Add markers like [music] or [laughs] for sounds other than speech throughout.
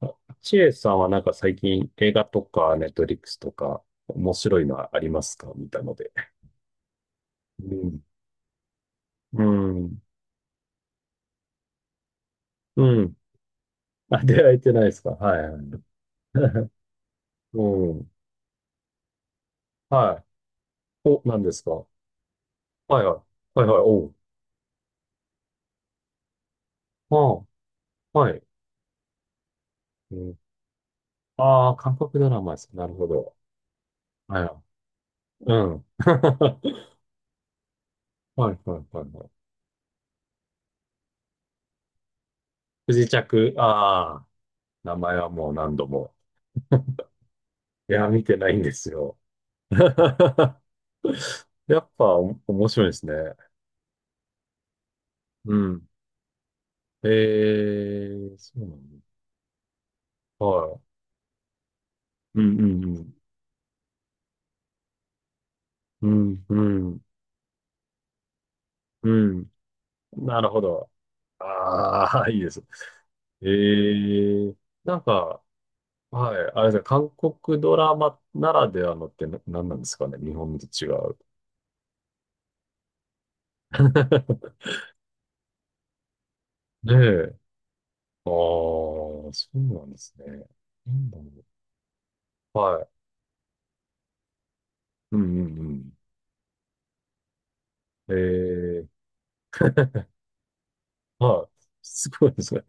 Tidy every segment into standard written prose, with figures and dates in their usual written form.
あ、ちえさんは最近映画とかネットリックスとか面白いのはありますか、見たので？うん。うん。うん。あ、出会えてないですか、はいはい。[laughs] うん。はい。お、何ですか、はいはい。はいはい。おう。ああ、はい。うん、ああ、韓国ドラマです。なるほど。はいはい。うん。[laughs] はいはいはいはい。不時着。ああ、名前はもう何度も。いや、見てないんですよ。[laughs] やっぱお面白いですね。うん。ええ、そうなの。はい。うんうんうん。うんうんうん。なるほど。ああ、[laughs] いいです。ええ、なんか、はい、あれですね、韓国ドラマならではのってな何なんですかね、日本と違う。[laughs] ねえ。ああ、そうなんですね。なんだろう。はい。うんうんうん。え、はい。すごいですね。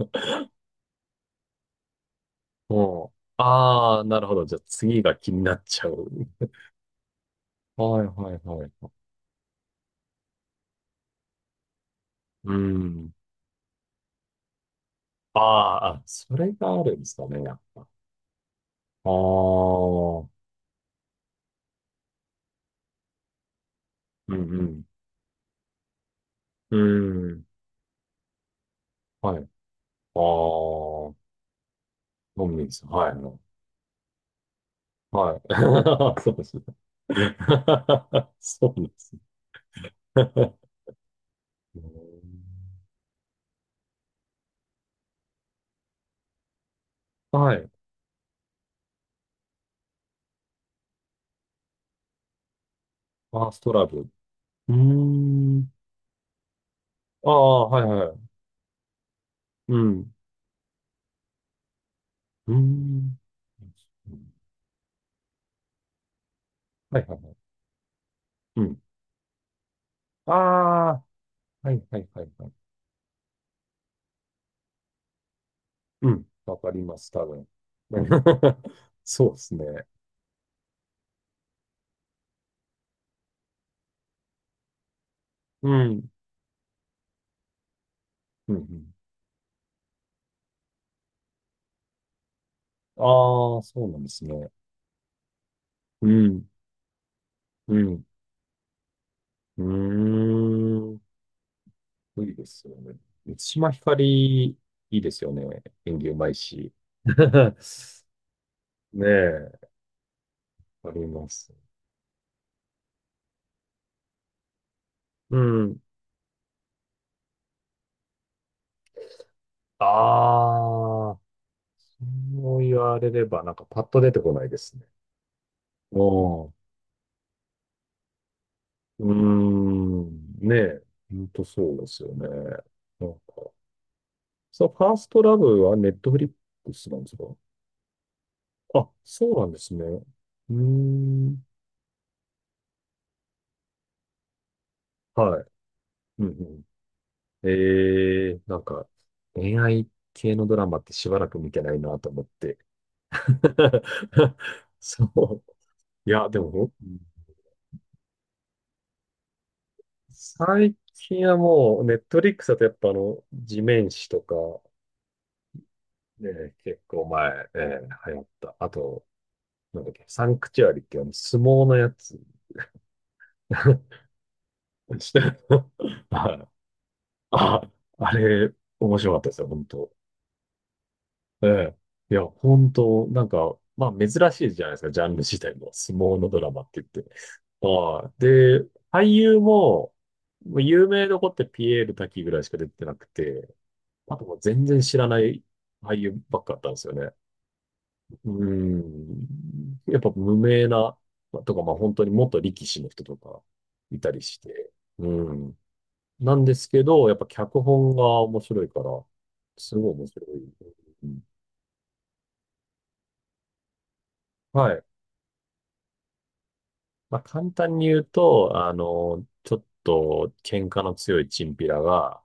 うん。ああ、なるほど。じゃあ次が気になっちゃう。はいはいはい。うん。ああ、あ、それがあるんですかね、やっぱ。ああ、うんうん。うん。はい。ああ、飲みです。はい。はい。[laughs] そうですね。[laughs] そうです [laughs] うん、はい。ファーストラブ。うーん。ああ、はいはい。うん。うーん。はいはいはい。うん。ああ、はいはいはいはい。うん。わかります、多分。うん [laughs] そうですね。うん。うんうん。ああ、そうなんですね。うん。うん。うーん。いいですよね。満島ひかり、いいですよね。演技うまいし。[laughs] ねえ、あります。うん。ああ、そう言われれば、パッと出てこないですね。おー、うーん、ねえ、ほんとそうですよね。なんか、そのファーストラブはネットフリックスなんですか？あ、そうなんですね。うーん、はい。うんうん、えー、恋愛系のドラマってしばらく見てないなと思って。[laughs] そう。いや、でも、うん、最近はもう、ネットフリックスだとやっぱ地面師とか、ね、結構前、流行った。あと、なんだっけ、サンクチュアリって相撲のやつ。[laughs] して、はい、あ、あれ、面白かったですよ、本当。ええ。いや、本当、まあ珍しいじゃないですか、ジャンル自体も。相撲のドラマって言って。はい。で、俳優も、もう有名どこってピエール瀧ぐらいしか出てなくて、あともう全然知らない俳優ばっかだったんですよね。うん。やっぱ無名な、まあとか、まあ本当に元力士の人とかいたりして。うん。なんですけど、やっぱ脚本が面白いから、すごい面白い。うん、はい。まあ簡単に言うと、ちょっと喧嘩の強いチンピラが、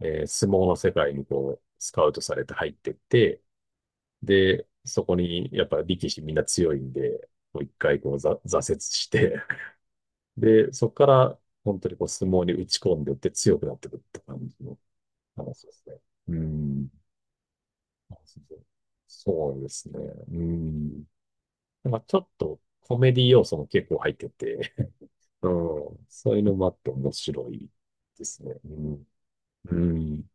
相撲の世界にスカウトされて入ってって、で、そこにやっぱ力士みんな強いんで、もう一回こう、ざ、挫折して、で、そこから、本当にこう、相撲に打ち込んでいって強くなってくるって感じの話ですね。うん。あ、そうそうそうですね。うん。ちょっとコメディ要素も結構入ってて、[laughs] うん。そういうのもあって面白いですね。うん。うん。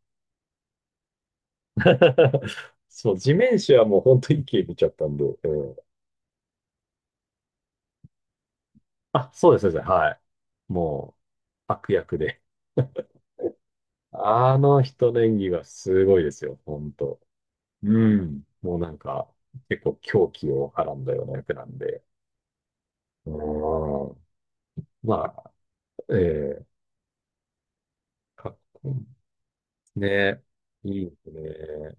[laughs] そう、地面師はもう本当に一気に見ちゃったんで、うん、あ、そうです、そうです。はい。もう、悪役で。あの人の演技がすごいですよ、本当。うん。もう結構狂気をはらんだような役なんで。うん。まあ、ええ、かっこいい。ね。いいですね。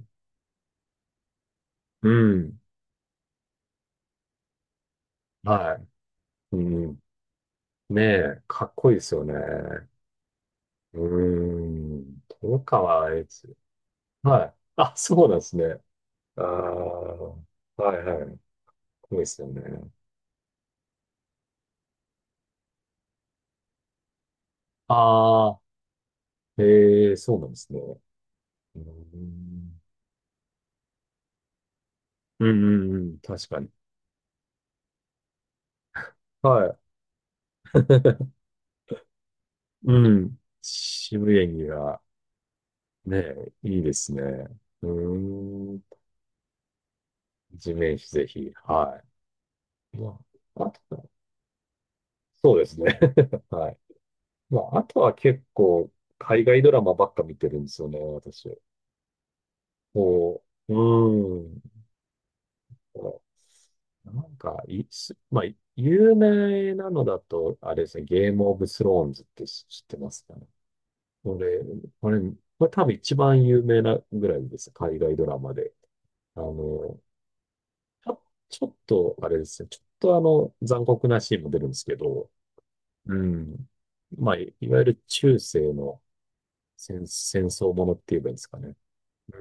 うん。はい。うん。ねえ、かっこいいですよね。うーん。豊川悦司。はい。あ、そうなんですね。ああ、はいはい。かっこいいですよね。ああ、ええ、そうなんですね。うーん。うんうんうん。確かに。はい。[laughs] うん。渋谷が、ね、いいですね。うーん。地面師ぜひ。はい。まあ、あとは、そうですね。[laughs] はい。まあ、あとは結構、海外ドラマばっか見てるんですよね、私。こう、うーん。こう、まあ、有名なのだと、あれですね、ゲームオブスローンズって知ってますかね。これ、あれ、これ多分一番有名なぐらいです。海外ドラマで。あの、ちょ、ちょっと、あれですね。ちょっと残酷なシーンも出るんですけど、うん。まあ、いいわゆる中世の戦、戦争ものって言えばいいんですかね。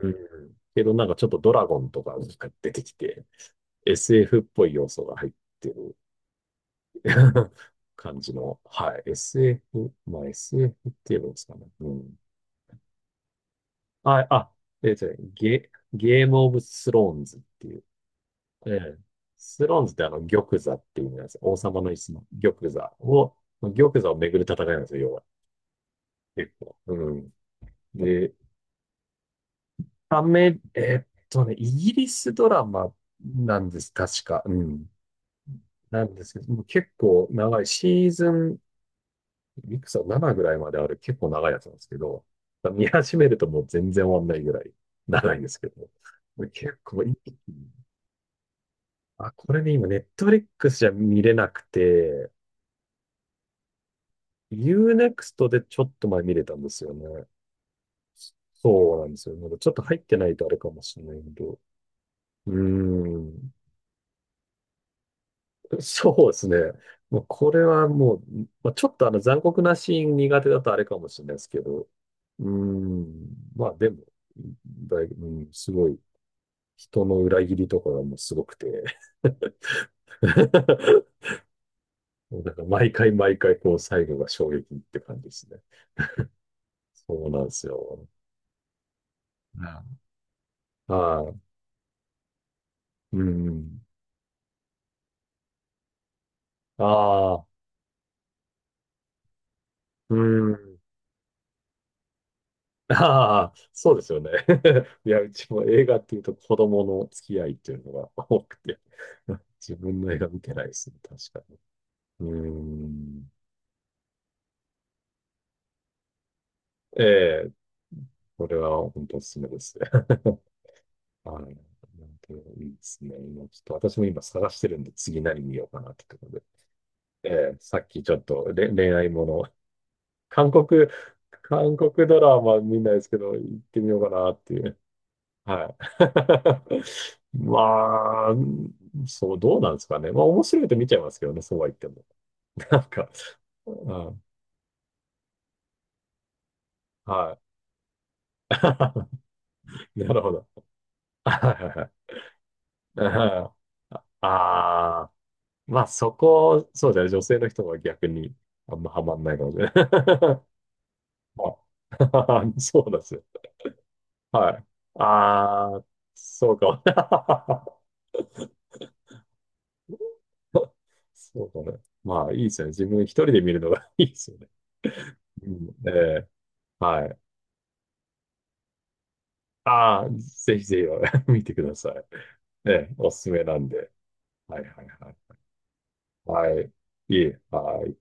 うん。けどちょっとドラゴンとかが出てきて、SF っぽい要素が入ってる [laughs] 感じの、はい。SF、まあ SF って言えばいいんですかね。うん。あ、あ、えっとね、ゲ、ゲームオブスローンズっていう、ええ、スローンズってあの、玉座っていう意味なんですよ。王様の椅子の玉座を、玉座をめぐる戦いなんですよ、要は。結構。うん。で、アメ、えっとね、イギリスドラマなんです、確か。うん。なんですけど、もう結構長い、シーズン、いくつだ、7ぐらいまである結構長いやつなんですけど、見始めるともう全然終わんないぐらい長いんですけど、結構いい。あ、これね、今、ネットフリックスじゃ見れなくて、Unext でちょっと前見れたんですよね。そうなんですよ。まだちょっと入ってないとあれかもしれないけど。うーん。そうですね。もうこれはもう、まあ、ちょっと残酷なシーン苦手だとあれかもしれないですけど。うーん。まあでも、だい、うん、すごい、人の裏切りとかがもうすごくて。[laughs] もう毎回毎回こう最後が衝撃って感じですね。そうなんですよ。うん、はい。うん。ああ、うん。ああ、そうですよね。[laughs] いや、うちも映画っていうと子供の付き合いっていうのが多くて、[laughs] 自分の映画見てないですね、確かに。うん。ええ、これは本当おすすめですね。[laughs] はい。なんていいですね。今ちょっと私も今探してるんで、次何見ようかなってところで。ええ、さっきちょっとれ恋愛もの、韓国、韓国ドラマ見ないですけど、行ってみようかなっていう。はい。[laughs] まあ、そう、どうなんですかね。まあ、面白いと見ちゃいますけどね、そうは言っても。[laughs] なんか、うん、はい。[laughs] なるほど。はいはいはい。ああー、まあそこ、そうだね、女性の人が逆にあんまハマんないかもしれない。[laughs] まあ [laughs] そうなんですよ。はい。ああ、そうかも。[laughs] そうだね。まあ、いいですよね。自分一人で見るのが [laughs] いいですよね。うん、ええ、はい。ああ、ぜひぜひ [laughs] 見てください。ええ、おすすめなんで。はいはいはい。はい。いえ、はい。